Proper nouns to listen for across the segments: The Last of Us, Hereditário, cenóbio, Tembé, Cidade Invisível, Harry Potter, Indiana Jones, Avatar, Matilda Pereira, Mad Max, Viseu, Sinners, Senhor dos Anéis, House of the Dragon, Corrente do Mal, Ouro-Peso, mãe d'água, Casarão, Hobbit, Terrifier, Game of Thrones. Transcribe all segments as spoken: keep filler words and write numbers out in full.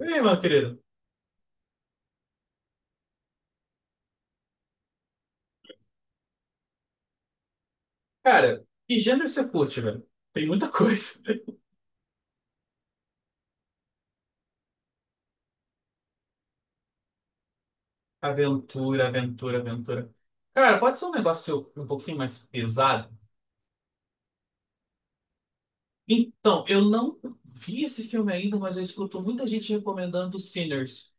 Ei, meu querido. Cara, que gênero você curte, velho? Tem muita coisa. Aventura, aventura, aventura. Cara, pode ser um negócio um pouquinho mais pesado? Então, eu não vi esse filme ainda, mas eu escuto muita gente recomendando Sinners,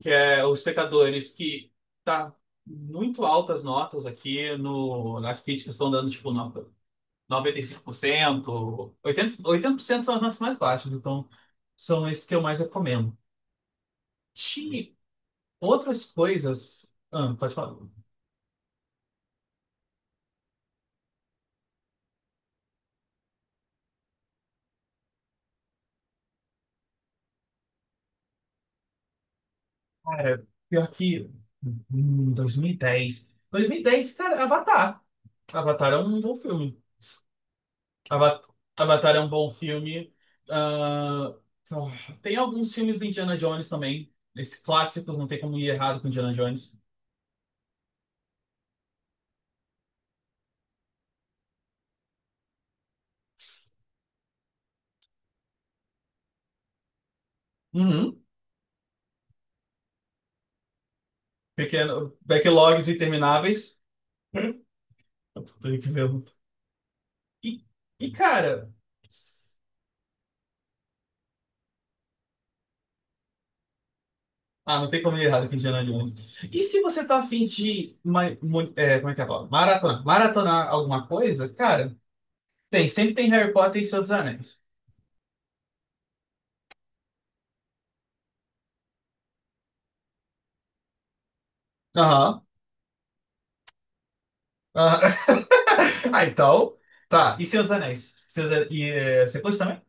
que é Os Pecadores, que tá muito altas notas aqui no, nas críticas estão dando tipo nota noventa e cinco por cento, oitenta por cento, oitenta por cento são as notas mais baixas, então são esses que eu mais recomendo. Tinha outras coisas. Ah, pode falar. Cara, pior que. hum, dois mil e dez. Dez dois mil e dez, cara, Avatar. Avatar é um bom filme. Ava- Avatar é um bom filme. Ah, ah, tem alguns filmes do Indiana Jones também. Esses clássicos, não tem como ir errado com Indiana Jones. Uhum. Pequeno, backlogs intermináveis. Tem que ver. um. E, e, cara. Ah, não tem como ir errado com Indiana Jones. E se você tá afim de, ma- mo- é, como é que é a palavra? Maratonar. Maratonar alguma coisa, cara, tem. Sempre tem Harry Potter e Senhor dos Anéis. Aham. Aham. Ah, então. Tá. E Senhor dos Anéis? Senhor dos Anéis- E é, você curte também?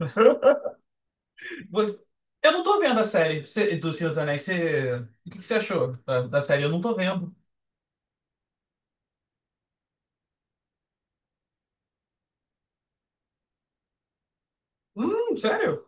Você- Eu não tô vendo a série cê- do Senhor dos Anéis. Você... O que que você achou da, da série? Eu não tô vendo. Hum, sério?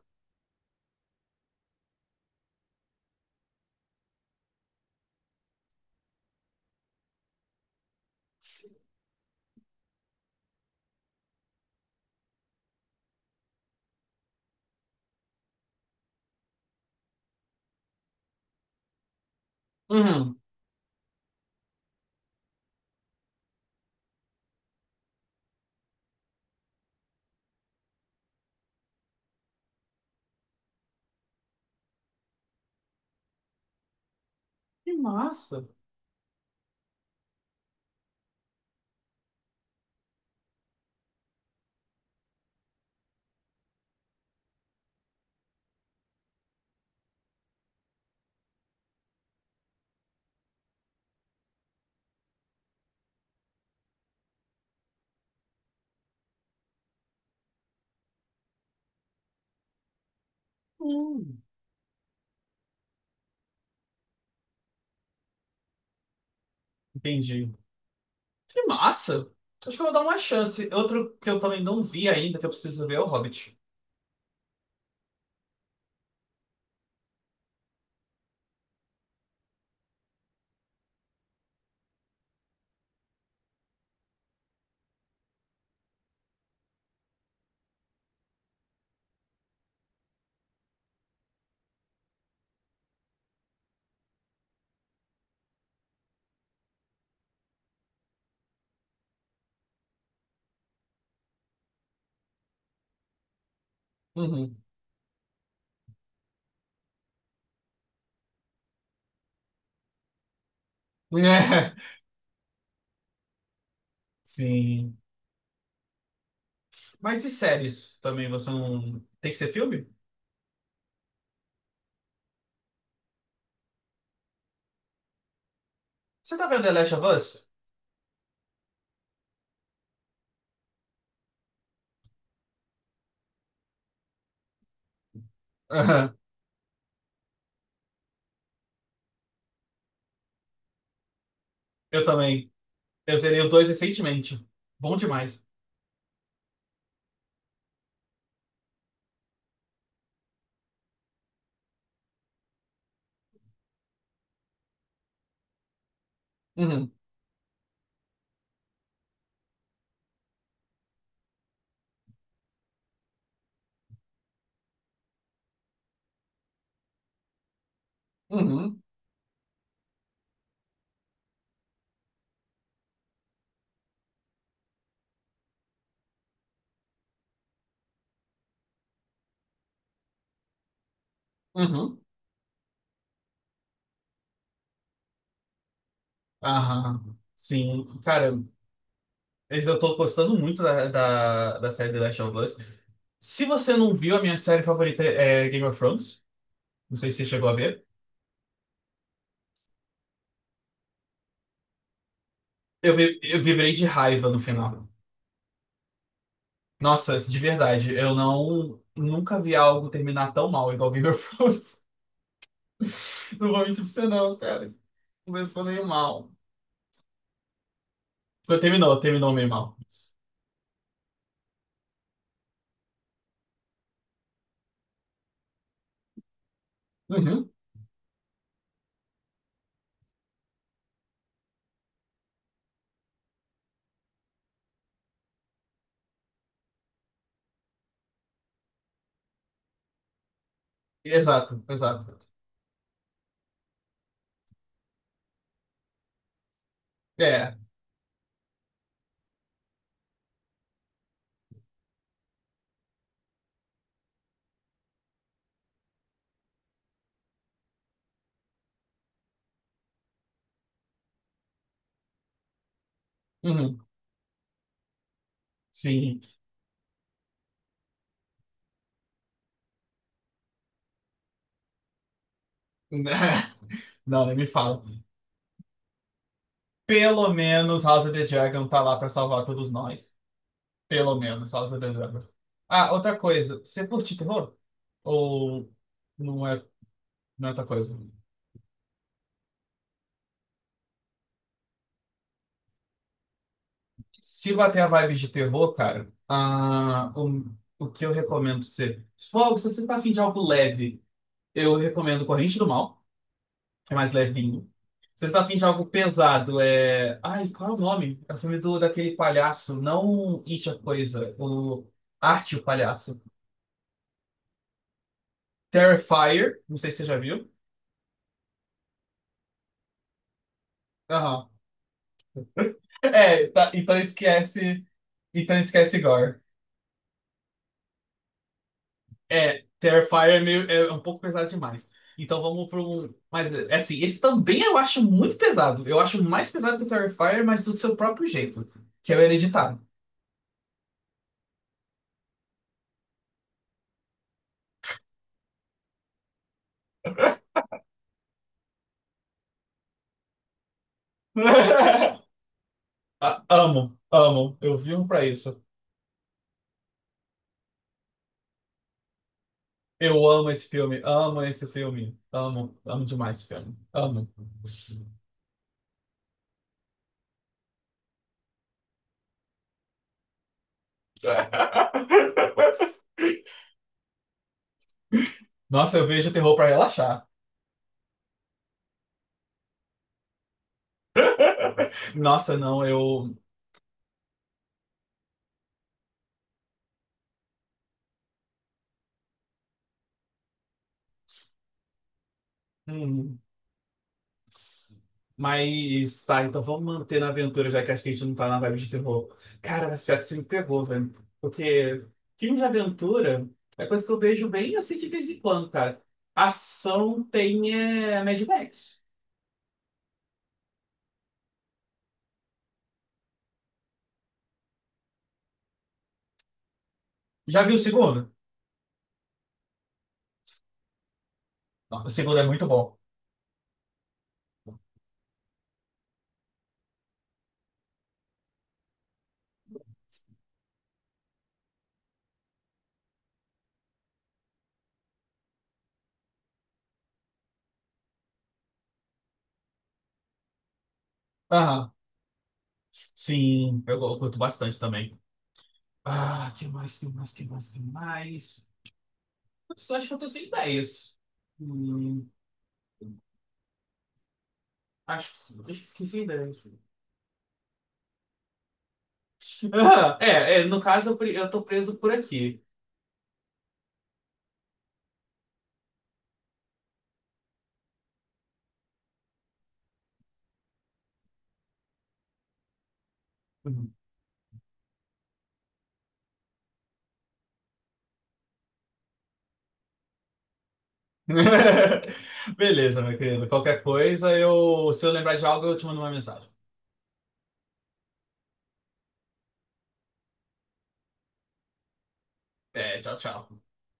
Uhum. Que massa. Hum, entendi. Que massa! Acho que eu vou dar uma chance. Outro que eu também não vi ainda, que eu preciso ver, é o Hobbit. Uhum. É, sim. Mas e séries também? Você não. Tem que ser filme? Você tá vendo The Last of Us? Aham. Eu também. Eu zerei o dois recentemente. Bom demais. Uhum. Uhum. Uhum. Aham. Sim. Cara, eles- eu tô gostando muito da, da, da série The Last of Us. Se você não viu, a minha série favorita é Game of Thrones. Não sei se você chegou a ver. Eu, vi- eu vibrei de raiva no final. Nossa, de verdade, eu não nunca vi algo terminar tão mal igual Game of Thrones. Não vou mentir pra você não, cara. Começou meio mal. Foi- Terminou, terminou meio mal. Uhum. Exato, exato. É. Uhum. Sim. Não, nem me fala. Pelo menos House of the Dragon tá lá pra salvar todos nós. Pelo menos House of the Dragon. Ah, outra coisa. Você curte terror? Ou não é, não é outra coisa? Se bater a vibe de terror, cara, ah, o, o que eu recomendo ser. Se for, se você tá afim de algo leve, eu recomendo Corrente do Mal, que é mais levinho. Se você tá afim de algo pesado, é. Ai, qual é o nome? É o filme do, daquele palhaço, não It a Coisa, o Arte o Palhaço. Terrifier, não sei se você já viu. Aham. É, tá- então esquece. Então esquece Gore. É, Terrifier é, meio, é um pouco pesado demais. Então vamos para um. Mas é, assim, esse também eu acho muito pesado. Eu acho mais pesado que o Terrifier, mas do seu próprio jeito, que é o Hereditário. Ah, amo, amo. Eu vivo pra isso. Eu amo esse filme, amo esse filme, amo, amo demais esse filme, amo. Nossa, eu vejo terror pra relaxar. Nossa, não, eu. hum, Mas tá, então vamos manter na aventura, já que acho que a gente não tá na vibe de terror. Cara, mas pior que você me pegou, velho. Porque filme de aventura é coisa que eu vejo bem assim de vez em quando, cara. Ação tem é, Mad Max. Já viu o segundo? O segundo é muito bom. Aham. Sim, eu, eu curto bastante também. Ah, que mais, que mais, que mais, que mais? Putz, acho que eu tô sem ideias. Hum, acho, que- acho que fiquei sem ideias. Ah, é, é, no caso eu, pre- eu tô preso por aqui. Uhum. Beleza, meu querido. Qualquer coisa, eu, se eu lembrar de algo, eu te mando uma mensagem. É, tchau, tchau.